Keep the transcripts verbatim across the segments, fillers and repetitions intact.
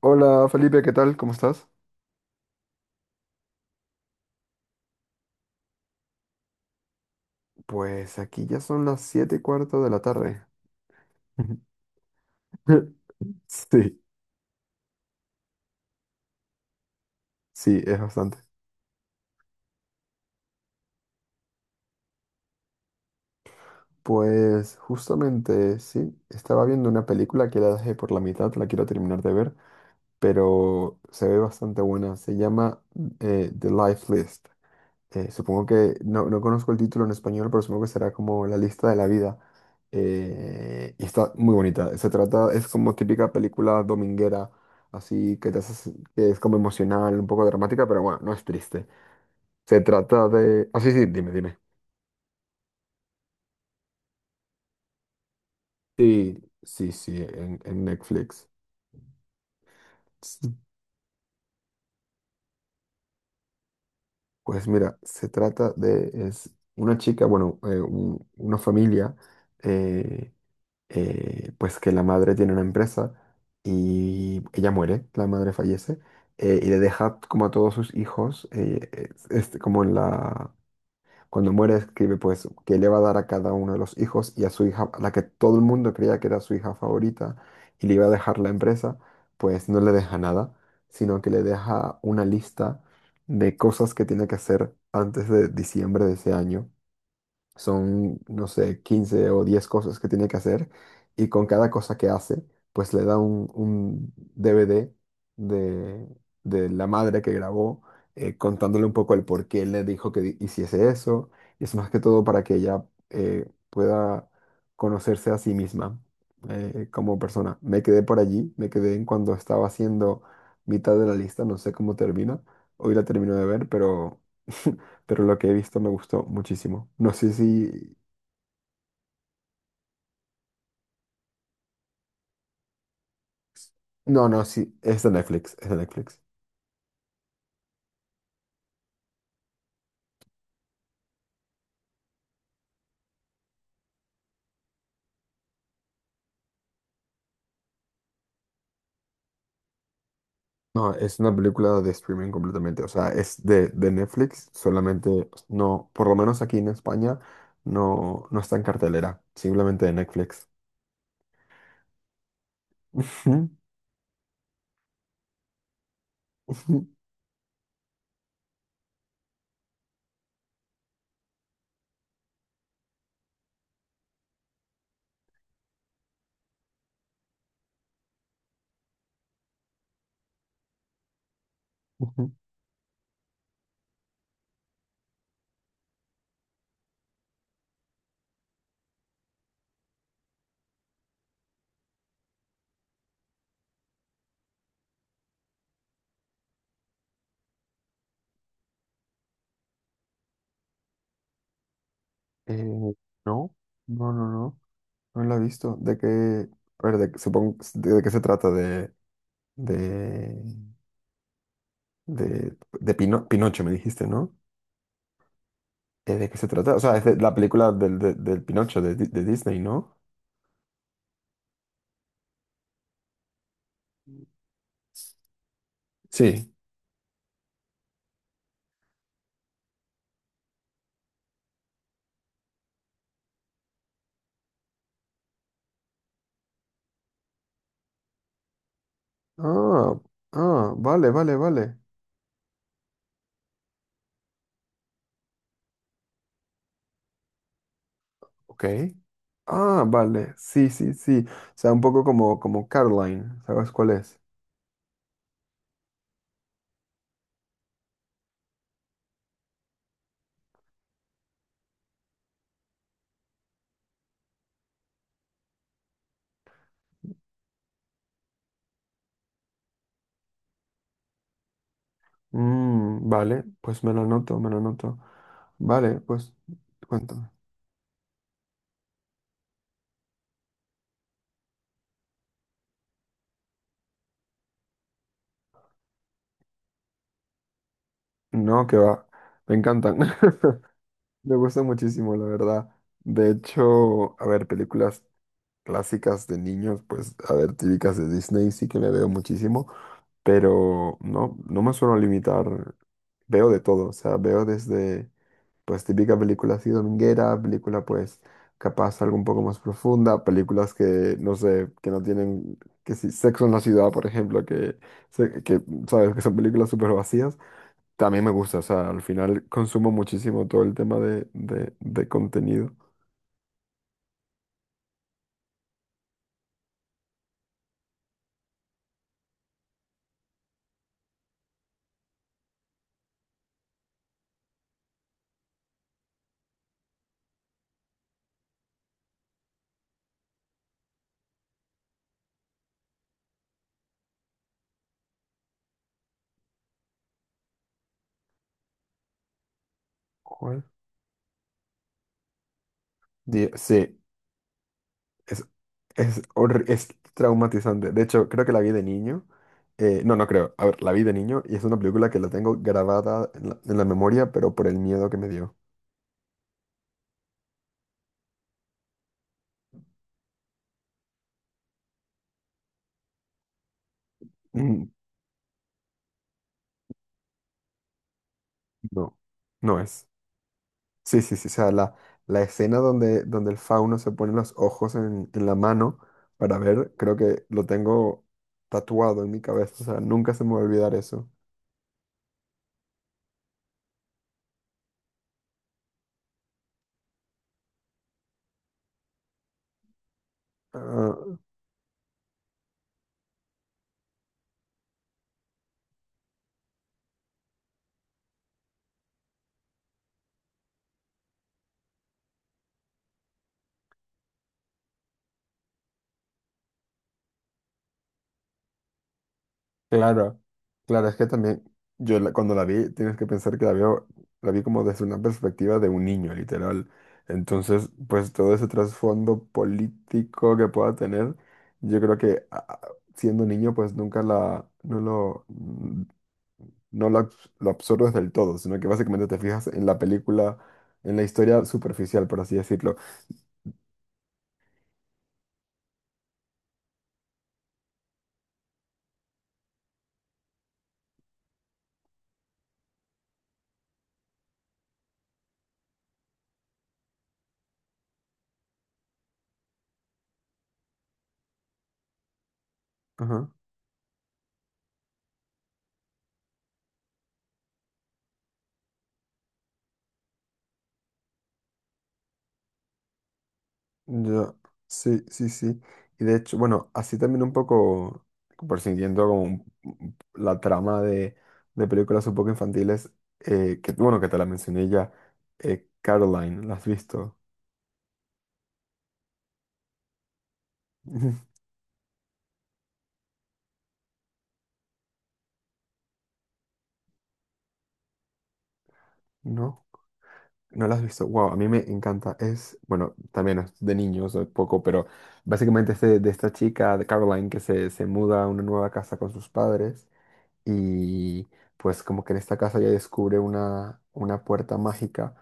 Hola Felipe, ¿qué tal? ¿Cómo estás? Pues aquí ya son las siete y cuarto de la tarde. Sí, sí, es bastante. Pues justamente sí, estaba viendo una película que la dejé por la mitad, la quiero terminar de ver, pero se ve bastante buena. Se llama eh, The Life List. Eh, supongo que no, no conozco el título en español, pero supongo que será como La lista de la vida. Eh, y está muy bonita. Se trata, es como típica película dominguera, así que te hace- que es como emocional, un poco dramática, pero bueno, no es triste. Se trata de. Ah, sí, sí, dime, dime. Sí, sí, sí, en, en Netflix. Sí. Pues mira, se trata de. Es una chica, bueno, eh, un- una familia. eh, eh, pues que la madre tiene una empresa y ella muere, la madre fallece, eh, y le deja como a todos sus hijos, eh, es- este, como en la. Cuando muere escribe pues que le va a dar a cada uno de los hijos y a su hija, a la que todo el mundo creía que era su hija favorita y le iba a dejar la empresa, pues no le deja nada, sino que le deja una lista de cosas que tiene que hacer antes de diciembre de ese año son, no sé, quince o diez cosas que tiene que hacer y con cada cosa que hace, pues le da un, un D V D de, de la madre que grabó, eh, contándole un poco el por qué le dijo que di- hiciese eso. Y es más que todo para que ella eh, pueda conocerse a sí misma, eh, como persona. Me quedé por allí, me quedé en cuando estaba haciendo mitad de la lista, no sé cómo termina. Hoy la termino de ver, pero pero lo que he visto me gustó muchísimo. No sé si. No, no, sí, es de Netflix, es de Netflix. No, es una película de streaming completamente, o sea, es de, de Netflix, solamente no, por lo menos aquí en España, no, no está en cartelera, simplemente de Netflix. Ujú, ujú, ujú. Eh, no, no, no, no, no la he visto. ¿De qué, a ver, de, supongo, de, de qué se trata? De, de, de, de Pino- Pinocho, me dijiste, ¿no? Eh, ¿De qué se trata? O sea, es de la película del, de- del Pinocho de, Di- de Disney, ¿no? Sí. Ah, ah, vale, vale, vale. Ok. Ah, vale, sí, sí, sí. O sea, un poco como, como, Caroline, ¿sabes cuál es? Mm, vale, pues me lo anoto, me lo anoto. Vale, pues cuéntame. No, que va, me encantan. Me gusta muchísimo, la verdad. De hecho, a ver, películas clásicas de niños, pues, a ver, típicas de Disney, sí que me veo muchísimo. Pero no, no me suelo limitar. Veo de todo, o sea, veo desde, pues, típica película así dominguera, película, pues, capaz algo un poco más profunda, películas que, no sé, que no tienen, que si Sexo en la Ciudad, por ejemplo, que, se- que sabes, que son películas súper vacías, también me gusta, o sea, al final consumo muchísimo todo el tema de, de, de contenido. ¿Cuál? Di- Sí. Es, es, horri- es traumatizante. De hecho, creo que la vi de niño. Eh, no, no creo. A ver, la vi de niño y es una película que la tengo grabada en la, en la, memoria, pero por el miedo que me dio. Mm. No, no es. Sí, sí, sí. O sea, la, la escena donde, donde el fauno se pone los ojos en, en la mano para ver, creo que lo tengo tatuado en mi cabeza. O sea, nunca se me va a olvidar eso. Ah, claro, claro, es que también yo la- cuando la vi, tienes que pensar que la veo, la vi como desde una perspectiva de un niño, literal. Entonces, pues todo ese trasfondo político que pueda tener, yo creo que a- a- siendo niño, pues nunca la, no lo, mm, no lo, abs- lo absorbes del todo, sino que básicamente te fijas en la película, en la historia superficial, por así decirlo. Ajá, ya, sí, sí, sí. Y de hecho, bueno, así también un poco, por siguiendo como un la trama de, de películas un poco infantiles, eh, que bueno, que te la mencioné ya, eh, Caroline, ¿la has visto? No, no la has visto. Wow, a mí me encanta. Es, bueno, también es de niños, eh, poco, pero básicamente es de, de esta chica, de Caroline, que se, se muda a una nueva casa con sus padres y pues como que en esta casa ella descubre una, una puerta mágica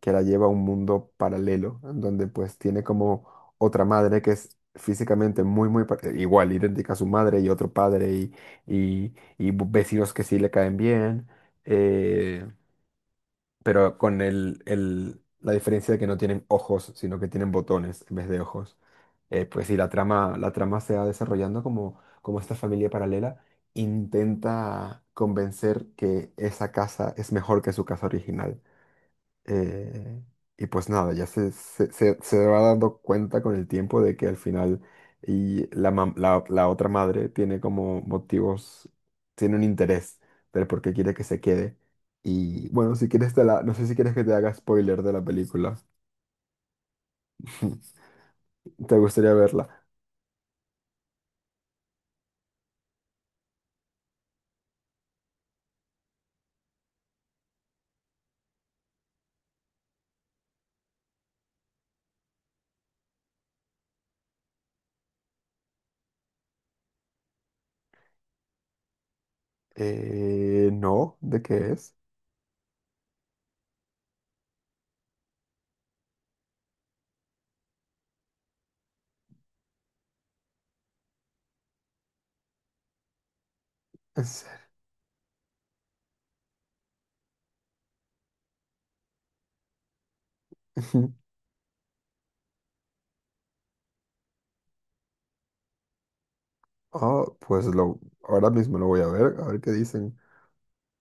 que la lleva a un mundo paralelo, en donde pues tiene como otra madre que es físicamente muy, muy pa- igual, idéntica a su madre y otro padre y, y- y vecinos que sí le caen bien. eh, pero con el, el- la diferencia de que no tienen ojos, sino que tienen botones en vez de ojos. Eh, pues sí, la trama, la trama se va desarrollando como, como, esta familia paralela intenta convencer que esa casa es mejor que su casa original. Eh, y pues nada, ya se, se, se- se va dando cuenta con el tiempo de que al final y la, mam- la, la otra madre tiene como motivos, tiene un interés del por qué quiere que se quede. Y bueno, si quieres te la, no sé si quieres que te haga spoiler de la película. ¿Te gustaría verla? Eh, no, ¿de qué es? ¿En serio? Ah, pues lo, ahora mismo lo voy a ver, a ver qué dicen.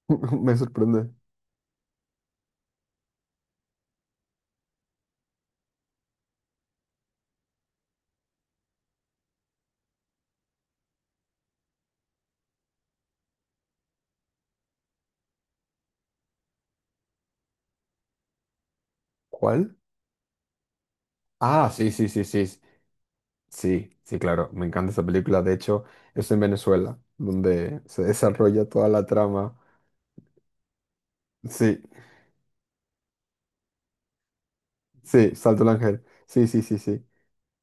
Me sorprende. ¿Cuál? Ah, sí, sí, sí, sí. Sí, sí, claro, me encanta esa película. De hecho, es en Venezuela, donde se desarrolla toda la trama. Sí, sí, Salto el Ángel. Sí, sí, sí, sí.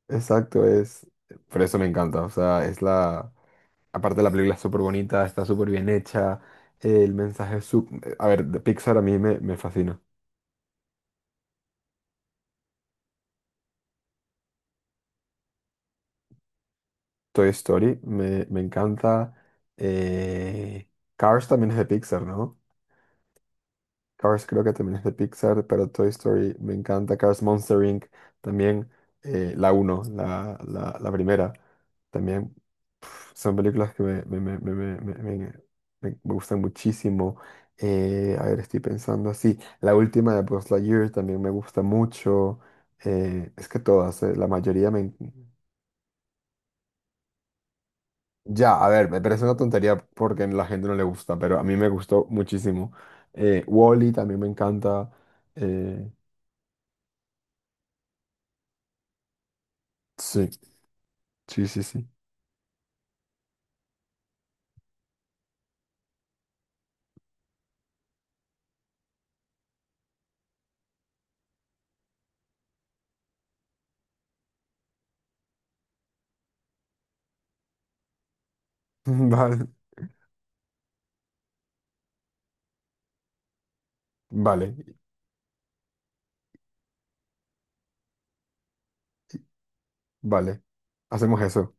Exacto, es. Por eso me encanta. O sea, es la. Aparte, la película es súper bonita, está súper bien hecha. El mensaje es su-. A ver, de Pixar a mí me, me fascina. Toy Story me, me encanta. eh, Cars también es de Pixar, ¿no? Cars creo que también es de Pixar, pero Toy Story me encanta. Cars Monster inc también, eh, la uno, la, la, la primera. También pf, son películas que me, me, me, me, me, me- me- me- me gustan muchísimo. Eh, a ver, estoy pensando así. La última de Buzz Lightyear también me gusta mucho. Eh, es que todas, eh, la mayoría me. en- Ya, a ver, me parece una tontería porque a la gente no le gusta, pero a mí me gustó muchísimo. Eh, Wall-E también me encanta. Eh, sí. Sí, sí, sí. Vale, vale, vale. Hacemos eso.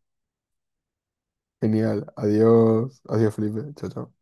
Genial. Adiós. Adiós, Felipe. Chao, chao.